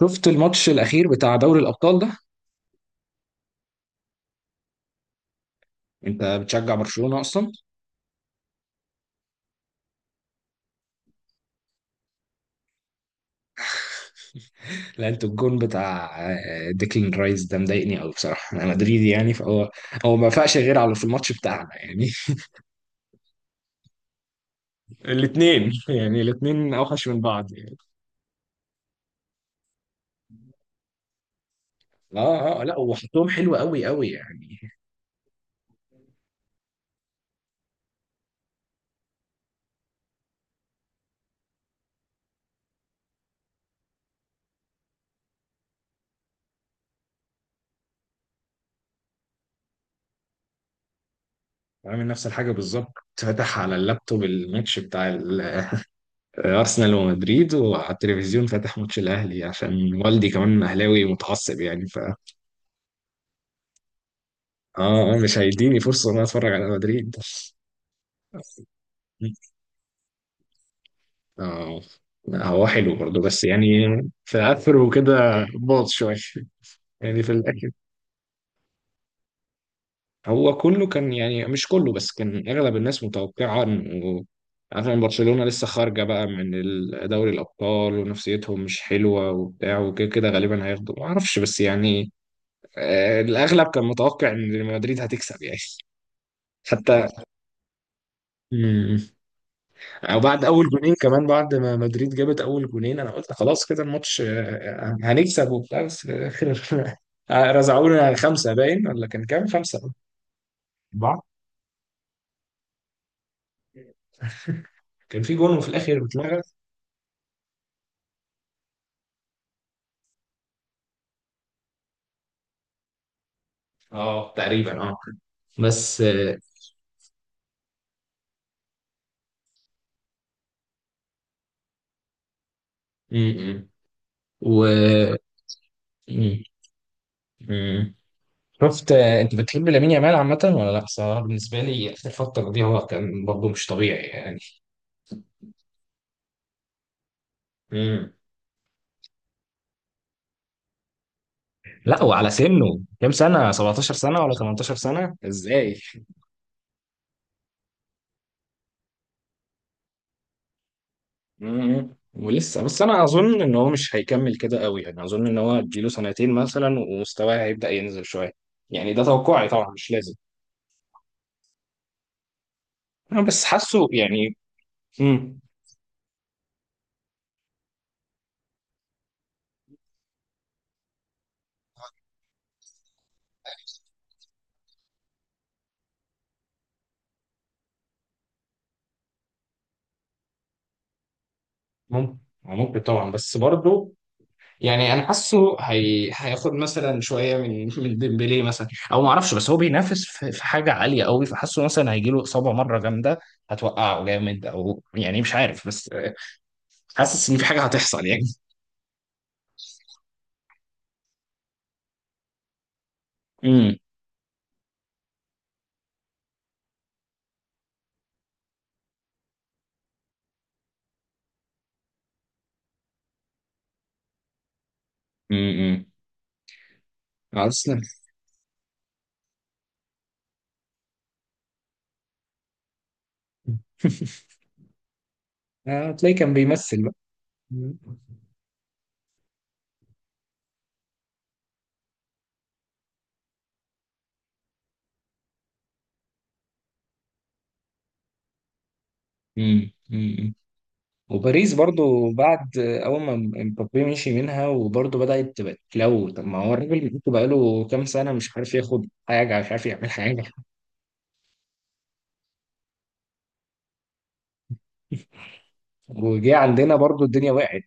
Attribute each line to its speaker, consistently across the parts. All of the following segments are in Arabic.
Speaker 1: شفت الماتش الاخير بتاع دوري الابطال ده. انت بتشجع برشلونة اصلا؟ لا، انت الجون بتاع ديكلان رايس ده مضايقني قوي بصراحة. انا مدريدي يعني، فهو هو ما فاقش غير على في الماتش بتاعنا يعني. الاثنين يعني، الاثنين اوحش من بعض يعني. اه اه، لا وحطهم حلو قوي قوي يعني. عامل نفس الحاجة بالظبط. فتح على اللابتوب الماتش بتاع ارسنال ومدريد، وعلى التلفزيون فاتح ماتش الاهلي عشان والدي كمان اهلاوي متعصب يعني. اه مش هيديني فرصة ان انا اتفرج على مدريد. اه لا، هو حلو برضه بس يعني، في اخره كده باظ شوية يعني في الاخر. هو كله كان يعني، مش كله بس كان اغلب الناس متوقعة انه، عشان برشلونة لسه خارجة بقى من دوري الابطال ونفسيتهم مش حلوة وبتاع، وكده كده غالبا هياخدوا ما اعرفش، بس يعني الاغلب كان متوقع ان مدريد هتكسب يعني. حتى او بعد اول جونين، كمان بعد ما مدريد جابت اول جونين، انا قلت خلاص كده الماتش هنكسب وبتاع، بس في الاخر رزعونا خمسه باين، ولا كان كام، خمسه اربعه. كان في جون وفي الاخر اتلغى. اه تقريبا اه. بس م- م. و م- م. شفت، انت بتحب لامين يامال عامه ولا لا؟ صراحه بالنسبه لي اخر فتره دي هو كان برضه مش طبيعي يعني. م. لا وعلى سنه، كام سنه؟ 17 سنه ولا 18 سنه؟ ازاي! مم. ولسه بس. انا اظن ان هو مش هيكمل كده قوي يعني. اظن ان هو اديله سنتين مثلا ومستواه هيبدأ ينزل شويه. يعني ده توقعي طبعا، مش لازم. انا بس حاسه يعني. مم. ممكن، ممكن طبعا، بس برضه يعني انا حاسه هياخد مثلا شويه من ديمبلي مثلا او ما اعرفش، بس هو بينافس في حاجه عاليه قوي، فحاسه مثلا هيجي له اصابه مره جامده هتوقعه جامد، او يعني مش عارف، بس حاسس ان في حاجه هتحصل يعني. امم امم. ارسنال. تلاقيه كان بيمثل بقى. امم. وباريس برضو بعد اول ما مبابي مشي منها وبرضو بدأت تبقى تلو. طب ما هو الراجل بقى بقاله كام سنة مش عارف ياخد حاجة، مش عارف يعمل حاجة. وجه عندنا برضو الدنيا وقعت.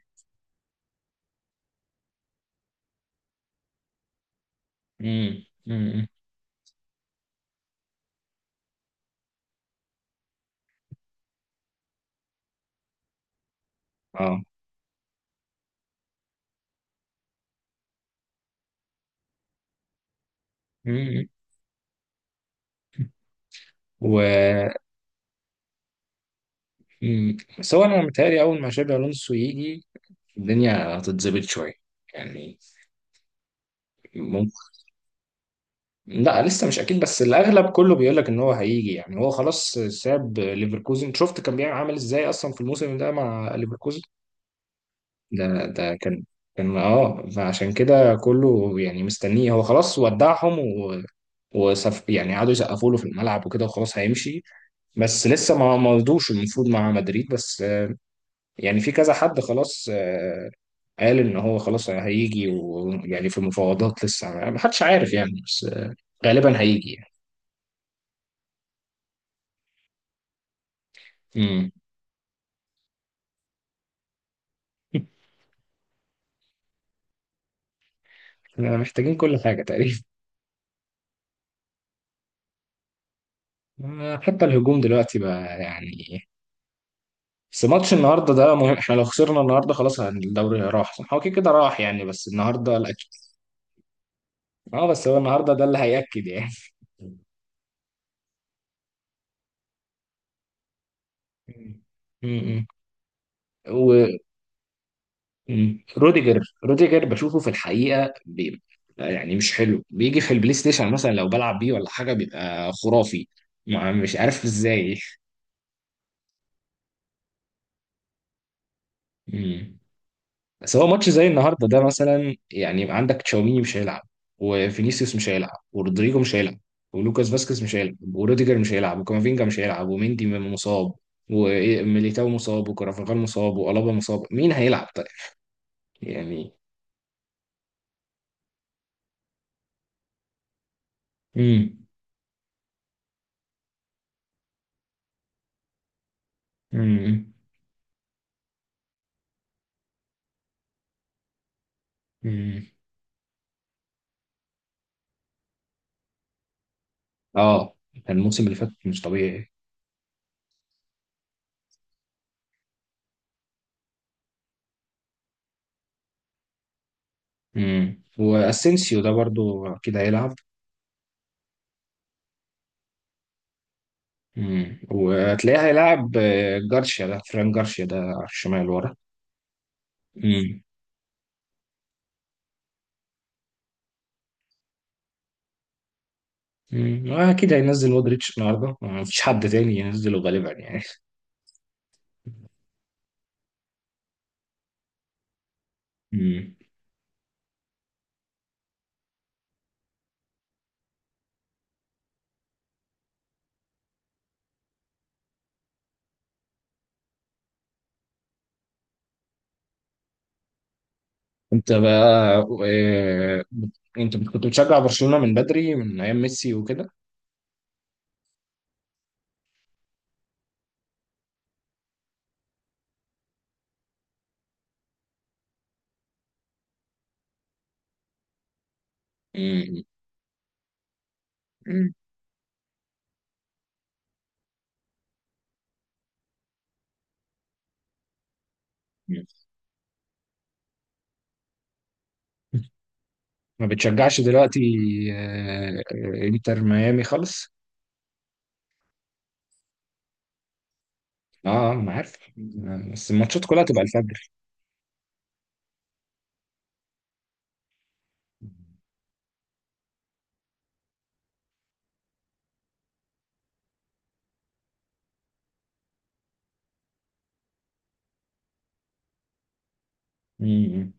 Speaker 1: امم. اه. مم. و مم. بس هو انا متهيألي اول ما شابي الونسو يجي الدنيا هتتظبط شوية يعني. لا لسه مش اكيد، بس الاغلب كله بيقول لك ان هو هيجي يعني. هو خلاص ساب ليفركوزن. شفت كان بيعمل عامل ازاي اصلا في الموسم ده مع ليفركوزن؟ ده كان، كان اه. فعشان كده كله يعني مستنيه. هو خلاص ودعهم، و وسف يعني قعدوا يسقفوا له في الملعب وكده، وخلاص هيمشي. بس لسه ما رضوش. المفروض مع مدريد، بس يعني في كذا حد خلاص قال ان هو خلاص هيجي، ويعني في مفاوضات لسه ما حدش عارف يعني، بس غالبا هيجي يعني. مم. احنا محتاجين كل حاجة تقريبا. حتى الهجوم دلوقتي بقى يعني. بس ماتش النهارده ده مهم، احنا لو خسرنا النهارده خلاص الدوري راح صح؟ هو كده كده راح يعني، بس النهارده الأكيد. اه بس هو النهارده ده اللي هيأكد يعني. مم. مم. و مم. روديجر، روديجر بشوفه في الحقيقة يعني مش حلو، بيجي في البلاي ستيشن مثلا لو بلعب بيه ولا حاجة بيبقى خرافي. ما مش عارف ازاي. مم. بس هو ماتش زي النهارده ده مثلا، يعني عندك تشاوميني مش هيلعب، وفينيسيوس مش هيلعب، ورودريجو مش هيلعب، ولوكاس فاسكيز مش هيلعب، وروديجر مش هيلعب، وكامافينجا مش هيلعب، وميندي مصاب، وميليتاو مصاب، وكرافاخال مصاب، وألابا مصاب. مين هيلعب طيب؟ يعني. امم امم امم. اه كان الموسم اللي فات مش طبيعي. امم. واسينسيو ده برضو اكيد هيلعب. وهتلاقيه هيلعب جارسيا ده، فران جارسيا ده على الشمال ورا. امم. مم. اكيد هينزل مودريتش النهارده، ما فيش حد تاني ينزله غالبا يعني. مم. انت بقى، آه، انت كنت بتشجع برشلونة من بدري، من ايام ميسي وكده. مم. مم. ما بتشجعش دلوقتي؟ آه، انتر ميامي خالص. اه انا عارف. بس الماتشات كلها تبقى الفجر. مم.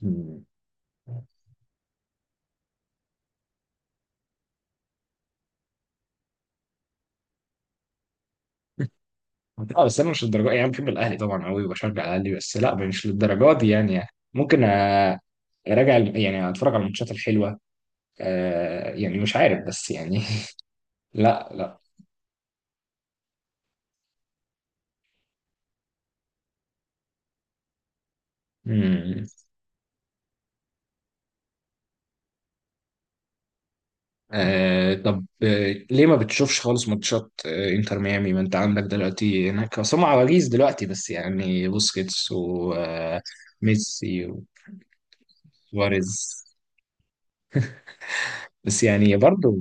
Speaker 1: مم. لا بس انا مش للدرجه يعني. بحب الاهلي طبعا قوي وبشجع الاهلي، بس لا مش للدرجه دي يعني يعني ممكن اراجع يعني اتفرج على الماتشات الحلوه. آه يعني مش عارف، بس يعني لا لا. مم. آه طب آه ليه ما بتشوفش خالص ماتشات آه انتر ميامي، ما انت عندك دلوقتي هناك اصلا عواجيز دلوقتي بس يعني، بوسكيتس وميسي وسواريز. بس يعني برضو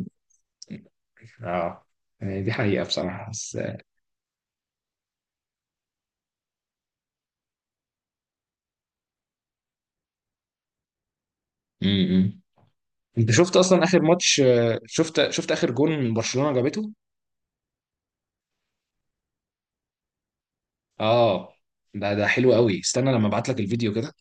Speaker 1: اه دي حقيقة بصراحة، بس مم. انت شفت اصلا اخر ماتش، شفت اخر جون برشلونة جابته؟ اه ده حلو قوي، استنى لما ابعت لك الفيديو كده.